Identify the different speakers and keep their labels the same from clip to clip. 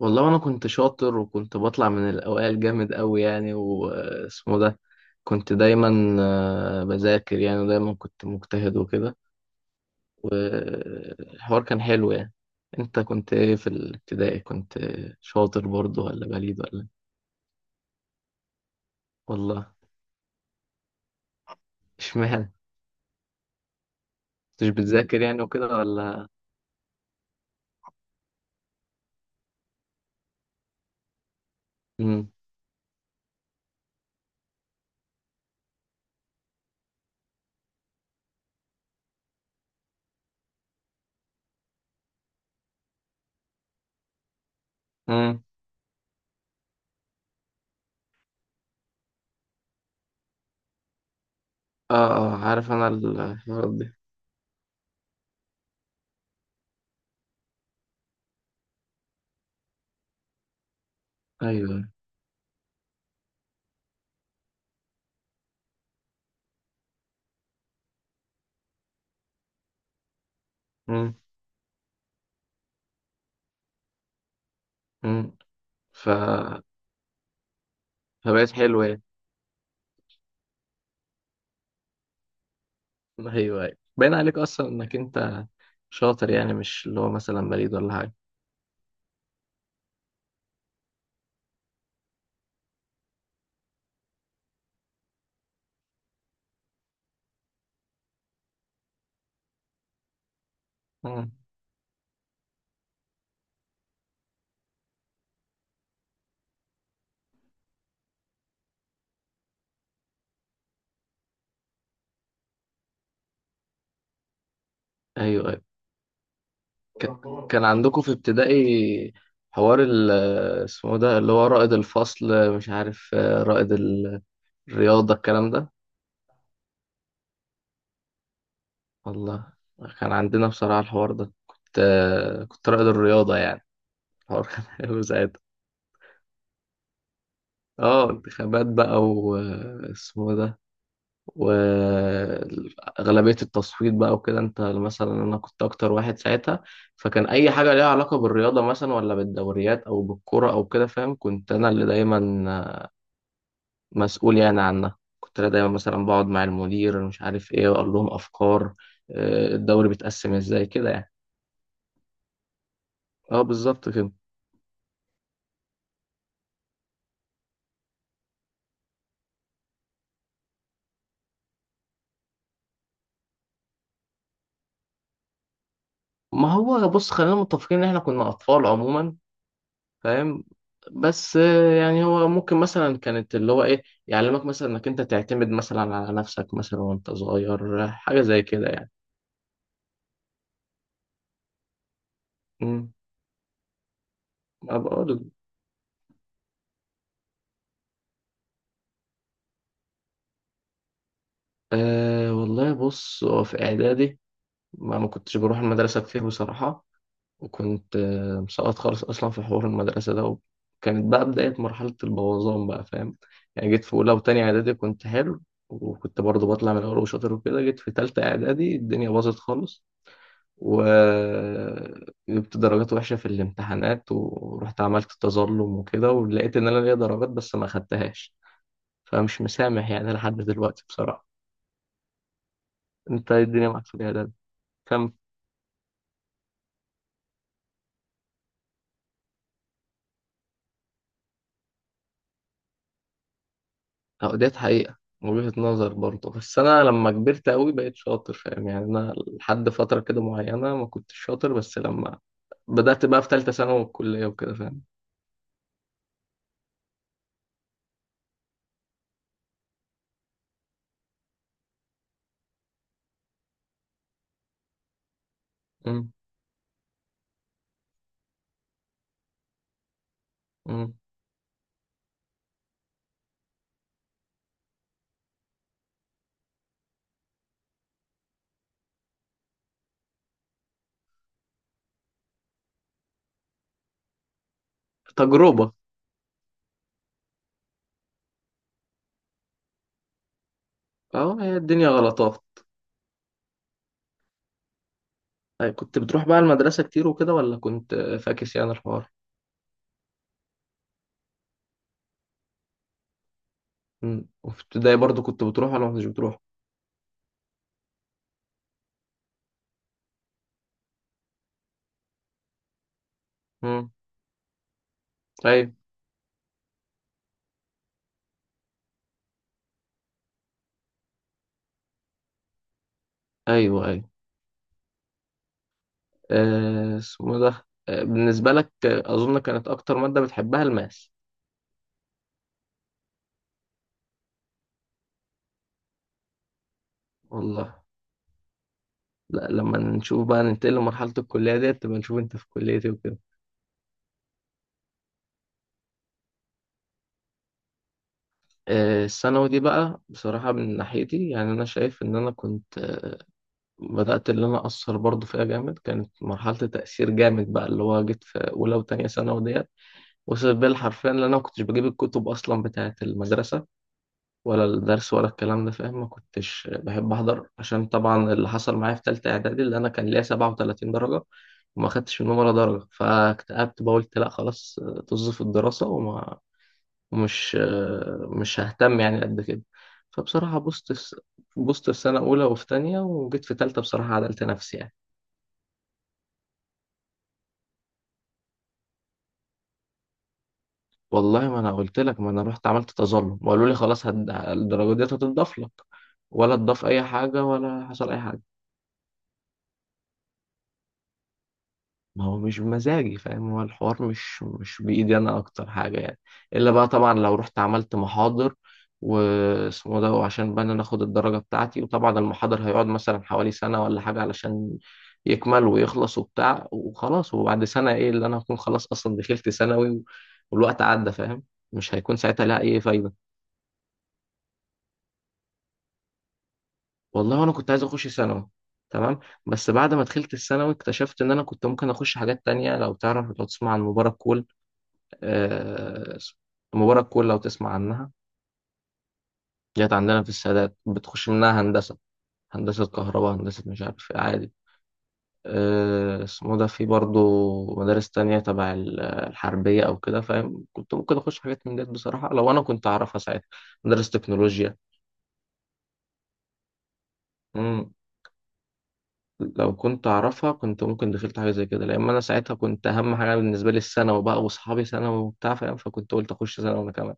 Speaker 1: والله انا كنت شاطر وكنت بطلع من الاوائل جامد قوي يعني واسمه ده. كنت دايما بذاكر يعني، ودايما كنت مجتهد وكده. والحوار كان حلو يعني. انت كنت ايه في الابتدائي؟ كنت شاطر برضه ولا بليد ولا إيه؟ والله. اشمعنى؟ كنتش بتذاكر يعني وكده ولا؟ امم امم اه اه، عارف انا الحوارات دي. ايوه. امم. امم. ف فبقت حلوة يعني. ايوه ايوه، باين عليك اصلا انك انت شاطر يعني، مش اللي هو مثلا بليد ولا حاجه. مم. ايوه ايوه. كان عندكم في ابتدائي حوار اسمه ده اللي هو رائد الفصل، مش عارف، رائد الرياضه، الكلام ده؟ والله كان عندنا بصراحه الحوار ده، كنت رائد الرياضه يعني. الحوار كان حلو ساعتها. اه انتخابات بقى واسمه ده، وأغلبية التصويت بقى وكده. أنت مثلا، أنا كنت أكتر واحد ساعتها، فكان أي حاجة ليها علاقة بالرياضة مثلا، ولا بالدوريات أو بالكرة أو كده، فاهم؟ كنت أنا اللي دايما مسؤول يعني عنها. كنت أنا دايما مثلا بقعد مع المدير، مش عارف إيه، وأقول لهم أفكار، الدوري بيتقسم إزاي كده يعني. أه بالظبط كده. ما هو بص، خلينا متفقين إن إحنا كنا أطفال عموما، فاهم؟ بس يعني هو ممكن مثلا كانت اللي هو ايه، يعلمك مثلا انك انت تعتمد مثلا على نفسك مثلا وانت صغير، حاجة زي كده يعني. امم ما بقول. أه والله بص، هو في اعدادي ما كنتش بروح المدرسة كتير بصراحة. وكنت مسقط خالص اصلا في حوار المدرسة ده، وكانت بقى بداية مرحلة البوظان بقى، فاهم؟ يعني جيت في اولى وتانية اعدادي كنت حلو، وكنت برضه بطلع من الاول وشاطر وكده. جيت في تالتة اعدادي الدنيا باظت خالص، وجبت درجات وحشة في الامتحانات، ورحت عملت تظلم وكده، ولقيت إن أنا ليا درجات بس ما خدتهاش. فمش مسامح يعني لحد دلوقتي بصراحة. أنت إيه الدنيا معاك في الإعداد؟ كم؟ أو ديت حقيقة وجهة نظر برضه، بس أنا لما كبرت أوي بقيت شاطر، فاهم يعني؟ أنا لحد فترة كده معينة ما كنتش شاطر، بس لما بدأت بقى في تالتة ثانوي والكلية وكده، فاهم؟ أمم. أمم. تجربة. أهو، هي الدنيا غلطات. أي كنت بتروح بقى المدرسة كتير وكده، ولا كنت فاكس يعني الحوار؟ مم. وفي ابتدائي برضو كنت بتروح ولا ما كنتش بتروح؟ مم. أيوة أيوة أيوة. اسمه ده، بالنسبة لك، أظن كانت أكتر مادة بتحبها الماس. والله. لا، لما نشوف بقى ننتقل لمرحلة الكلية ديت، تبقى نشوف أنت في كلية إيه وكده. الثانوي دي بقى، بصراحة من ناحيتي يعني أنا شايف إن أنا كنت بدأت اللي أنا أثر برضو فيها جامد. كانت مرحلة تأثير جامد بقى، اللي هو جيت في أولى وتانية ثانوي ديت وصل بالحرفيا، لان انا ما كنتش بجيب الكتب اصلا بتاعه المدرسه، ولا الدرس ولا الكلام ده، فاهم؟ ما كنتش بحب احضر عشان طبعا اللي حصل معايا في ثالثه اعدادي، اللي انا كان ليا 37 درجه وما خدتش منهم ولا درجه، فاكتئبت بقى قلت لا خلاص، طز في الدراسه، وما ومش مش ههتم يعني قد كده. فبصراحه بوظت في سنه اولى وفي تانية، وجيت في ثالثه بصراحه عدلت نفسي يعني. والله ما انا قلت لك، ما انا رحت عملت تظلم وقالوا لي خلاص، الدرجه ديت هتضاف لك. ولا تضاف اي حاجه، ولا حصل اي حاجه. ما هو مش بمزاجي، فاهم؟ هو الحوار مش بايدي انا، اكتر حاجه يعني. الا بقى طبعا لو رحت عملت محاضر واسمه ده، وعشان بقى إن انا اخد الدرجه بتاعتي. وطبعا المحاضر هيقعد مثلا حوالي سنه ولا حاجه علشان يكمل ويخلص وبتاع وخلاص، وبعد سنه ايه اللي انا هكون؟ خلاص اصلا دخلت ثانوي والوقت عدى، فاهم؟ مش هيكون ساعتها لها اي فايده. والله انا كنت عايز اخش ثانوي، تمام. بس بعد ما دخلت الثانوي اكتشفت ان انا كنت ممكن اخش حاجات تانية. لو تعرف، لو تسمع عن مباراة كول؟ آه، مباراة كول، لو تسمع عنها. جت عندنا في السادات، بتخش منها هندسة، هندسة كهرباء، هندسة مش عارف إيه، عادي. آه اسمه ده، في برضه مدارس تانية تبع الحربية أو كده، فاهم؟ كنت ممكن أخش حاجات من ديت بصراحة لو أنا كنت أعرفها ساعتها. مدارس تكنولوجيا، لو كنت أعرفها كنت ممكن دخلت حاجة زي كده، لأن أنا ساعتها كنت أهم حاجة بالنسبة لي الثانوي بقى، وأصحابي ثانوي وبتاع، فاهم؟ فكنت قلت أخش ثانوي أنا كمان.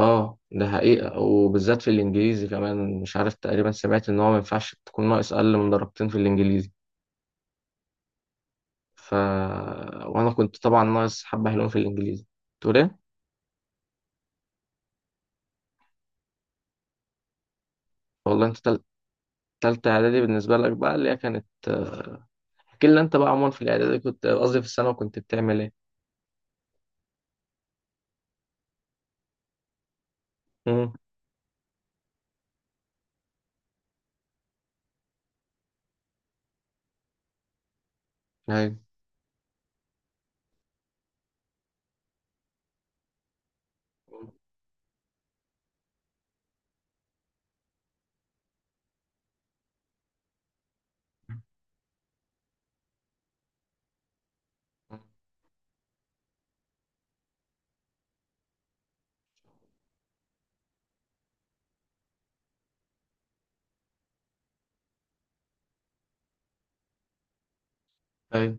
Speaker 1: أه ده حقيقة، وبالذات في الإنجليزي كمان. مش عارف، تقريبا سمعت إن هو ما ينفعش تكون ناقص أقل من درجتين في الإنجليزي. ف وأنا كنت طبعا ناقص حبة حلوين في الإنجليزي. تقول إيه؟ والله أنت تالتة إعدادي بالنسبة لك بقى، اللي هي كانت احكي لنا أنت بقى عموما في الإعدادي، كنت قصدي في الثانوي كنت بتعمل إيه؟ مم. أيوه أيوه.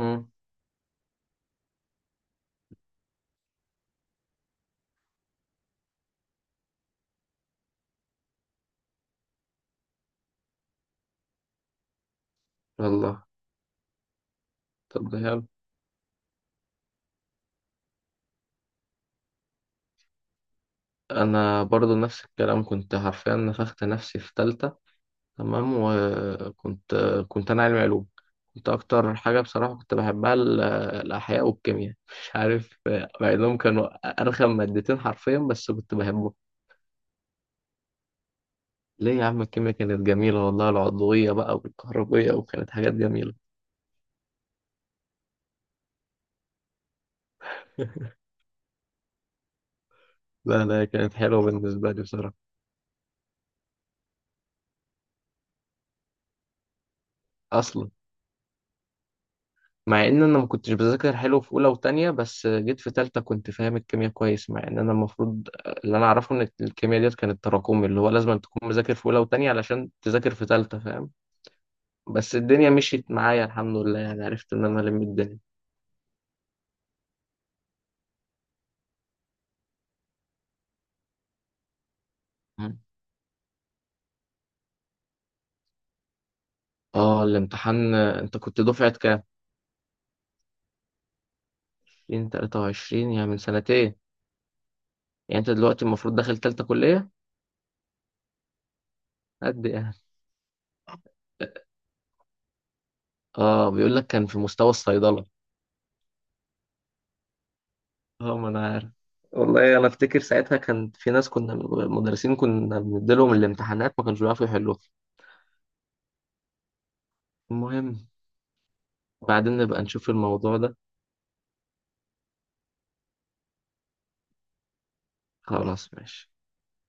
Speaker 1: مم. والله. طب ده حلو. انا برضو نفس الكلام، كنت حرفيا نفخت نفسي في تالتة، تمام. وكنت انا علمي علوم. كنت اكتر حاجة بصراحة كنت بحبها الاحياء والكيمياء. مش عارف، مع انهم كانوا ارخم مادتين حرفيا، بس كنت بحبهم. ليه يا عم؟ الكيمياء كانت جميلة والله، العضوية بقى والكهربية، وكانت حاجات جميلة. لا لا، كانت حلوة بالنسبة لي بصراحة. اصلا مع ان انا ما كنتش بذاكر حلو في اولى وتانية، بس جيت في تالتة كنت فاهم الكيمياء كويس، مع ان انا المفروض، اللي انا اعرفه ان الكيمياء ديت كانت تراكمي، اللي هو لازم تكون مذاكر في اولى وتانية علشان تذاكر في تالتة، فاهم؟ بس الدنيا مشيت معايا الحمد لله يعني، عرفت ان انا الم الدنيا. مم. اه الامتحان. انت كنت دفعة كام؟ 2023، يعني من سنتين. يعني انت دلوقتي المفروض داخل تالتة كلية قد؟ يعني. اه بيقول لك كان في مستوى الصيدلة. اه ما انا عارف. والله انا افتكر ساعتها كان في ناس كنا، مدرسين كنا بنديلهم الامتحانات ما كانوش بيعرفوا يحلوها. المهم. بعدين نبقى نشوف الموضوع ده. خلاص ماشي.